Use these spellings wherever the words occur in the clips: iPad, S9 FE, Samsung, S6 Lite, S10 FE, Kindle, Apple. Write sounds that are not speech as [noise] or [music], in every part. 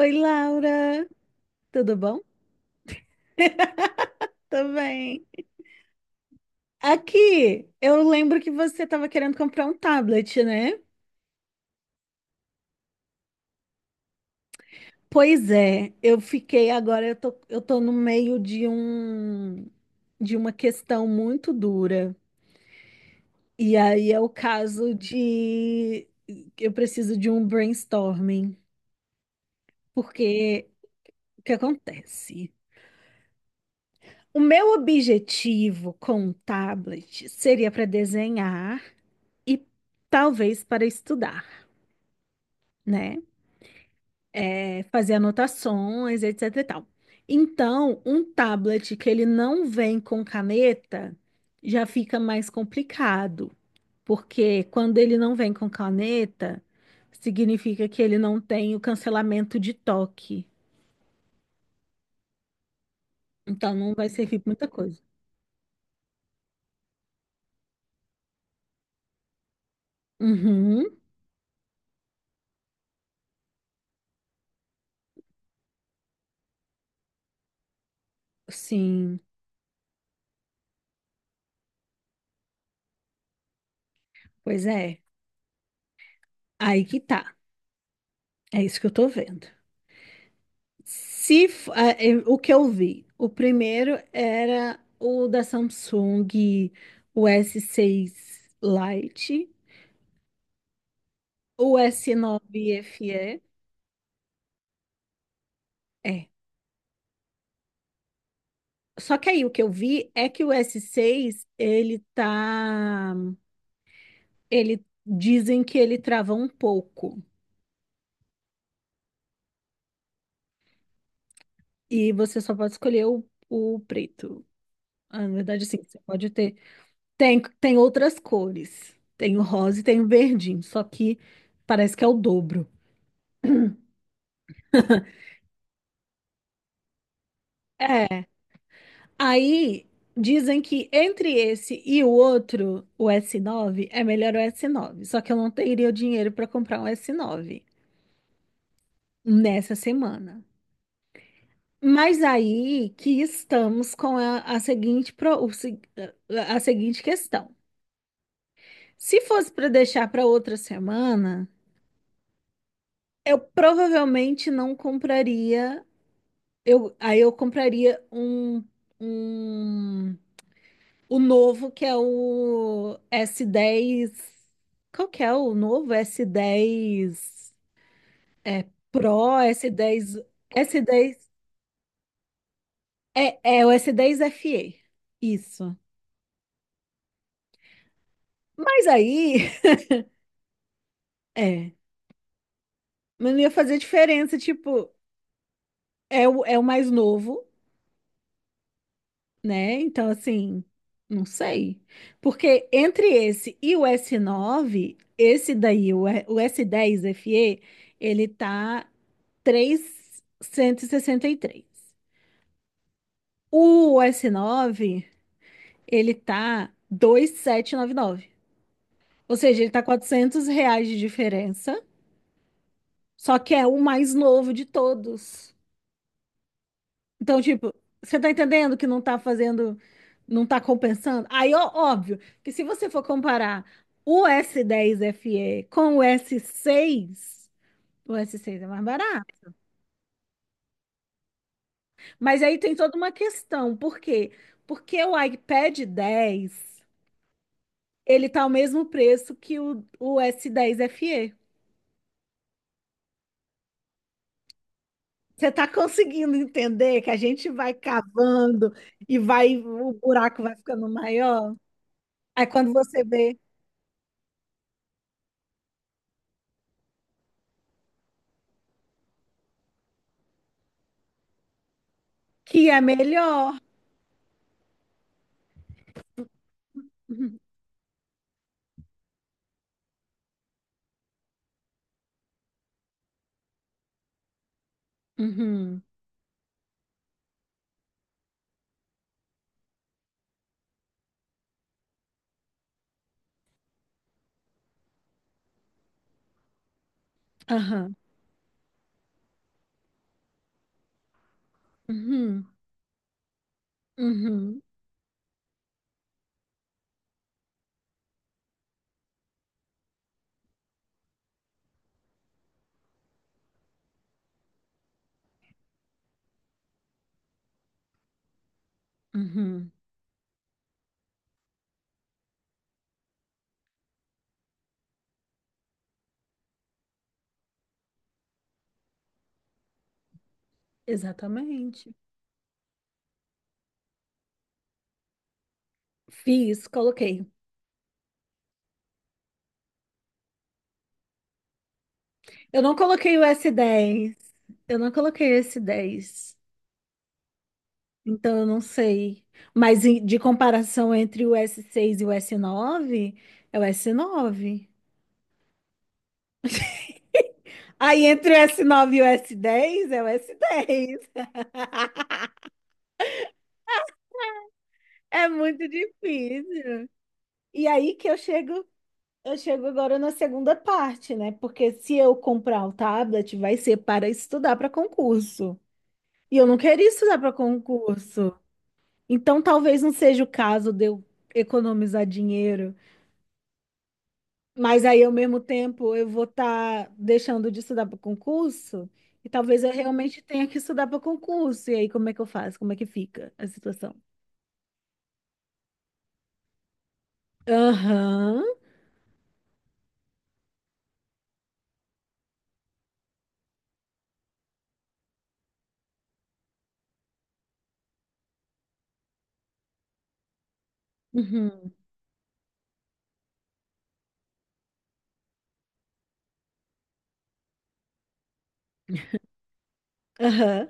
Oi, Laura, tudo bom? Tô bem. Aqui, eu lembro que você estava querendo comprar um tablet, né? Pois é, eu fiquei agora, eu tô no meio de uma questão muito dura. E aí é o caso de eu preciso de um brainstorming, porque o que acontece? O meu objetivo com o tablet seria para desenhar e talvez para estudar, né? Fazer anotações, etc e tal. Então, um tablet que ele não vem com caneta já fica mais complicado, porque quando ele não vem com caneta, significa que ele não tem o cancelamento de toque. Então, não vai servir pra muita coisa. Uhum, sim, pois é. Aí que tá. É isso que eu tô vendo. Se, f- ah, eh, O que eu vi, o primeiro era o da Samsung, o S6 Lite, o S9 FE, é. Só que aí o que eu vi é que o S6, ele dizem que ele trava um pouco e você só pode escolher o preto. Ah, na verdade, sim, você pode ter. Tem outras cores. Tem o rosa e tem o verdinho, só que parece que é o dobro. É. Aí dizem que entre esse e o outro, o S9, é melhor o S9. Só que eu não teria o dinheiro para comprar um S9 nessa semana. Mas aí que estamos com a seguinte questão. Se fosse para deixar para outra semana, eu provavelmente não compraria. Eu compraria um, um O novo, que é o S10. Qual que é o novo? S10. É Pro, S10. S10. É o S10 FE. Isso. Mas aí. [laughs] É. Mas não ia fazer diferença. Tipo, é o mais novo, né? Então, assim. Não sei. Porque entre esse e o S9, esse daí, o S10 FE, ele tá três cento e sessenta e três. O s nove ele tá 2.799. Ou seja, ele tá 400 reais de diferença, só que é o mais novo de todos. Então, tipo, você tá entendendo que não tá compensando? Aí, ó, óbvio, que se você for comparar o S10 FE com o s seis é mais barato. Mas aí tem toda uma questão, por quê? Porque o iPad 10 ele tá ao mesmo preço que o S10 FE. Você tá conseguindo entender que a gente vai cavando e o buraco vai ficando maior? Aí quando você vê que é melhor. Uhum, uhum, aham, uhum, uhum, uhum. Exatamente. Fiz, coloquei. Eu não coloquei o S10. Eu não coloquei o S10. Então, eu não sei. Mas de comparação entre o s seis e o s nove, é o s nove. Aí entre o s nove e o s dez, é o s dez. [laughs] É muito difícil. E aí que eu chego agora na segunda parte, né? Porque se eu comprar o tablet, vai ser para estudar para concurso. E eu não queria estudar para concurso. Então, talvez não seja o caso de eu economizar dinheiro. Mas aí, ao mesmo tempo, eu vou estar deixando de estudar para concurso e talvez eu realmente tenha que estudar para concurso. E aí, como é que eu faço? Como é que fica a situação? Aham, uhum, aham,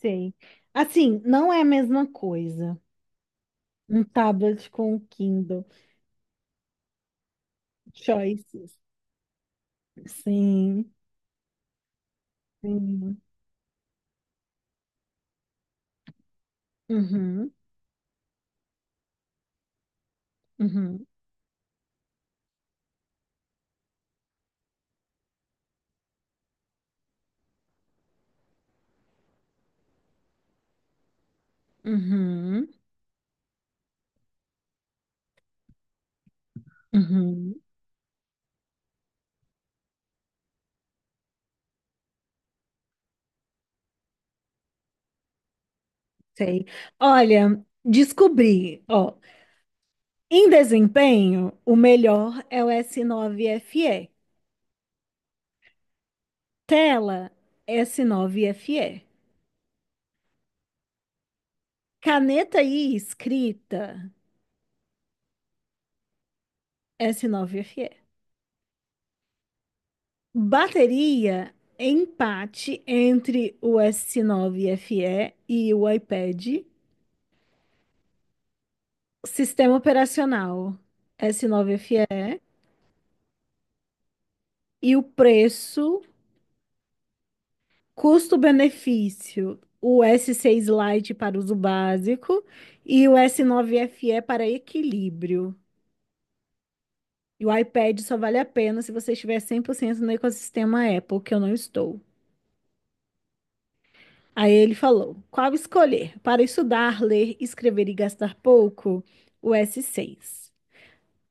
sei. Assim, não é a mesma coisa. Um tablet com um Kindle. Choices. Sim, sim. Uhum, uhum, uhum, uhum, sei. Olha, descobri, ó, em desempenho, o melhor é o S9FE. Tela, S9FE. Caneta e escrita, S9FE. Bateria, empate entre o S9FE e o iPad. Sistema operacional, S9FE. E o preço, custo-benefício, o S6 Lite para uso básico e o S9FE para equilíbrio. E o iPad só vale a pena se você estiver 100% no ecossistema Apple, que eu não estou. Aí ele falou: qual escolher? Para estudar, ler, escrever e gastar pouco, o S6.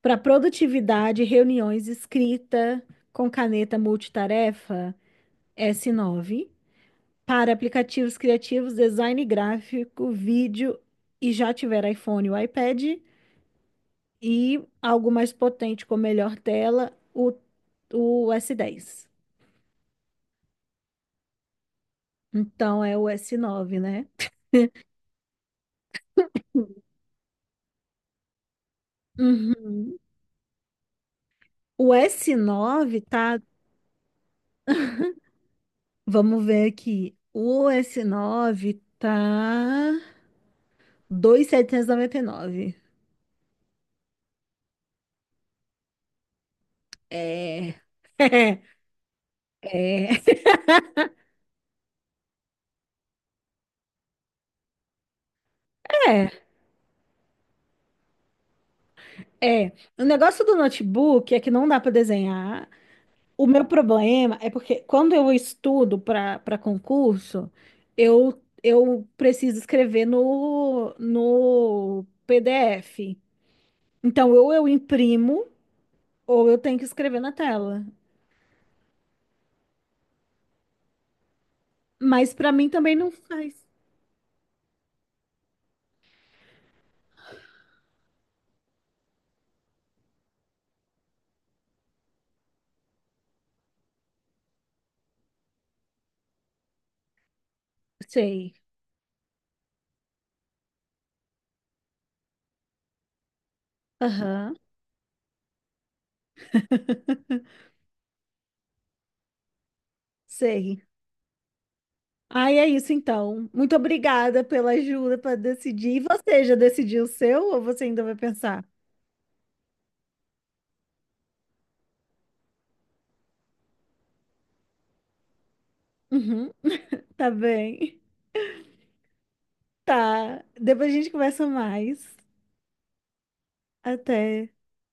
Para produtividade, reuniões, escrita com caneta multitarefa, S9. Para aplicativos criativos, design gráfico, vídeo e já tiver iPhone ou iPad. E algo mais potente com melhor tela, o S10. Então é o s nove, né? Uhum. O s nove tá. Vamos ver aqui. O s nove tá 2.799. É. [laughs] É. É. É. O negócio do notebook é que não dá para desenhar. O meu problema é porque quando eu estudo para concurso, eu preciso escrever no PDF. Então, ou eu imprimo. Ou eu tenho que escrever na tela. Mas pra mim também não faz. Sei. Aham, sei. Ai, é isso então. Muito obrigada pela ajuda para decidir. E você já decidiu o seu ou você ainda vai pensar? Uhum, tá bem. Tá. Depois a gente conversa mais. Até.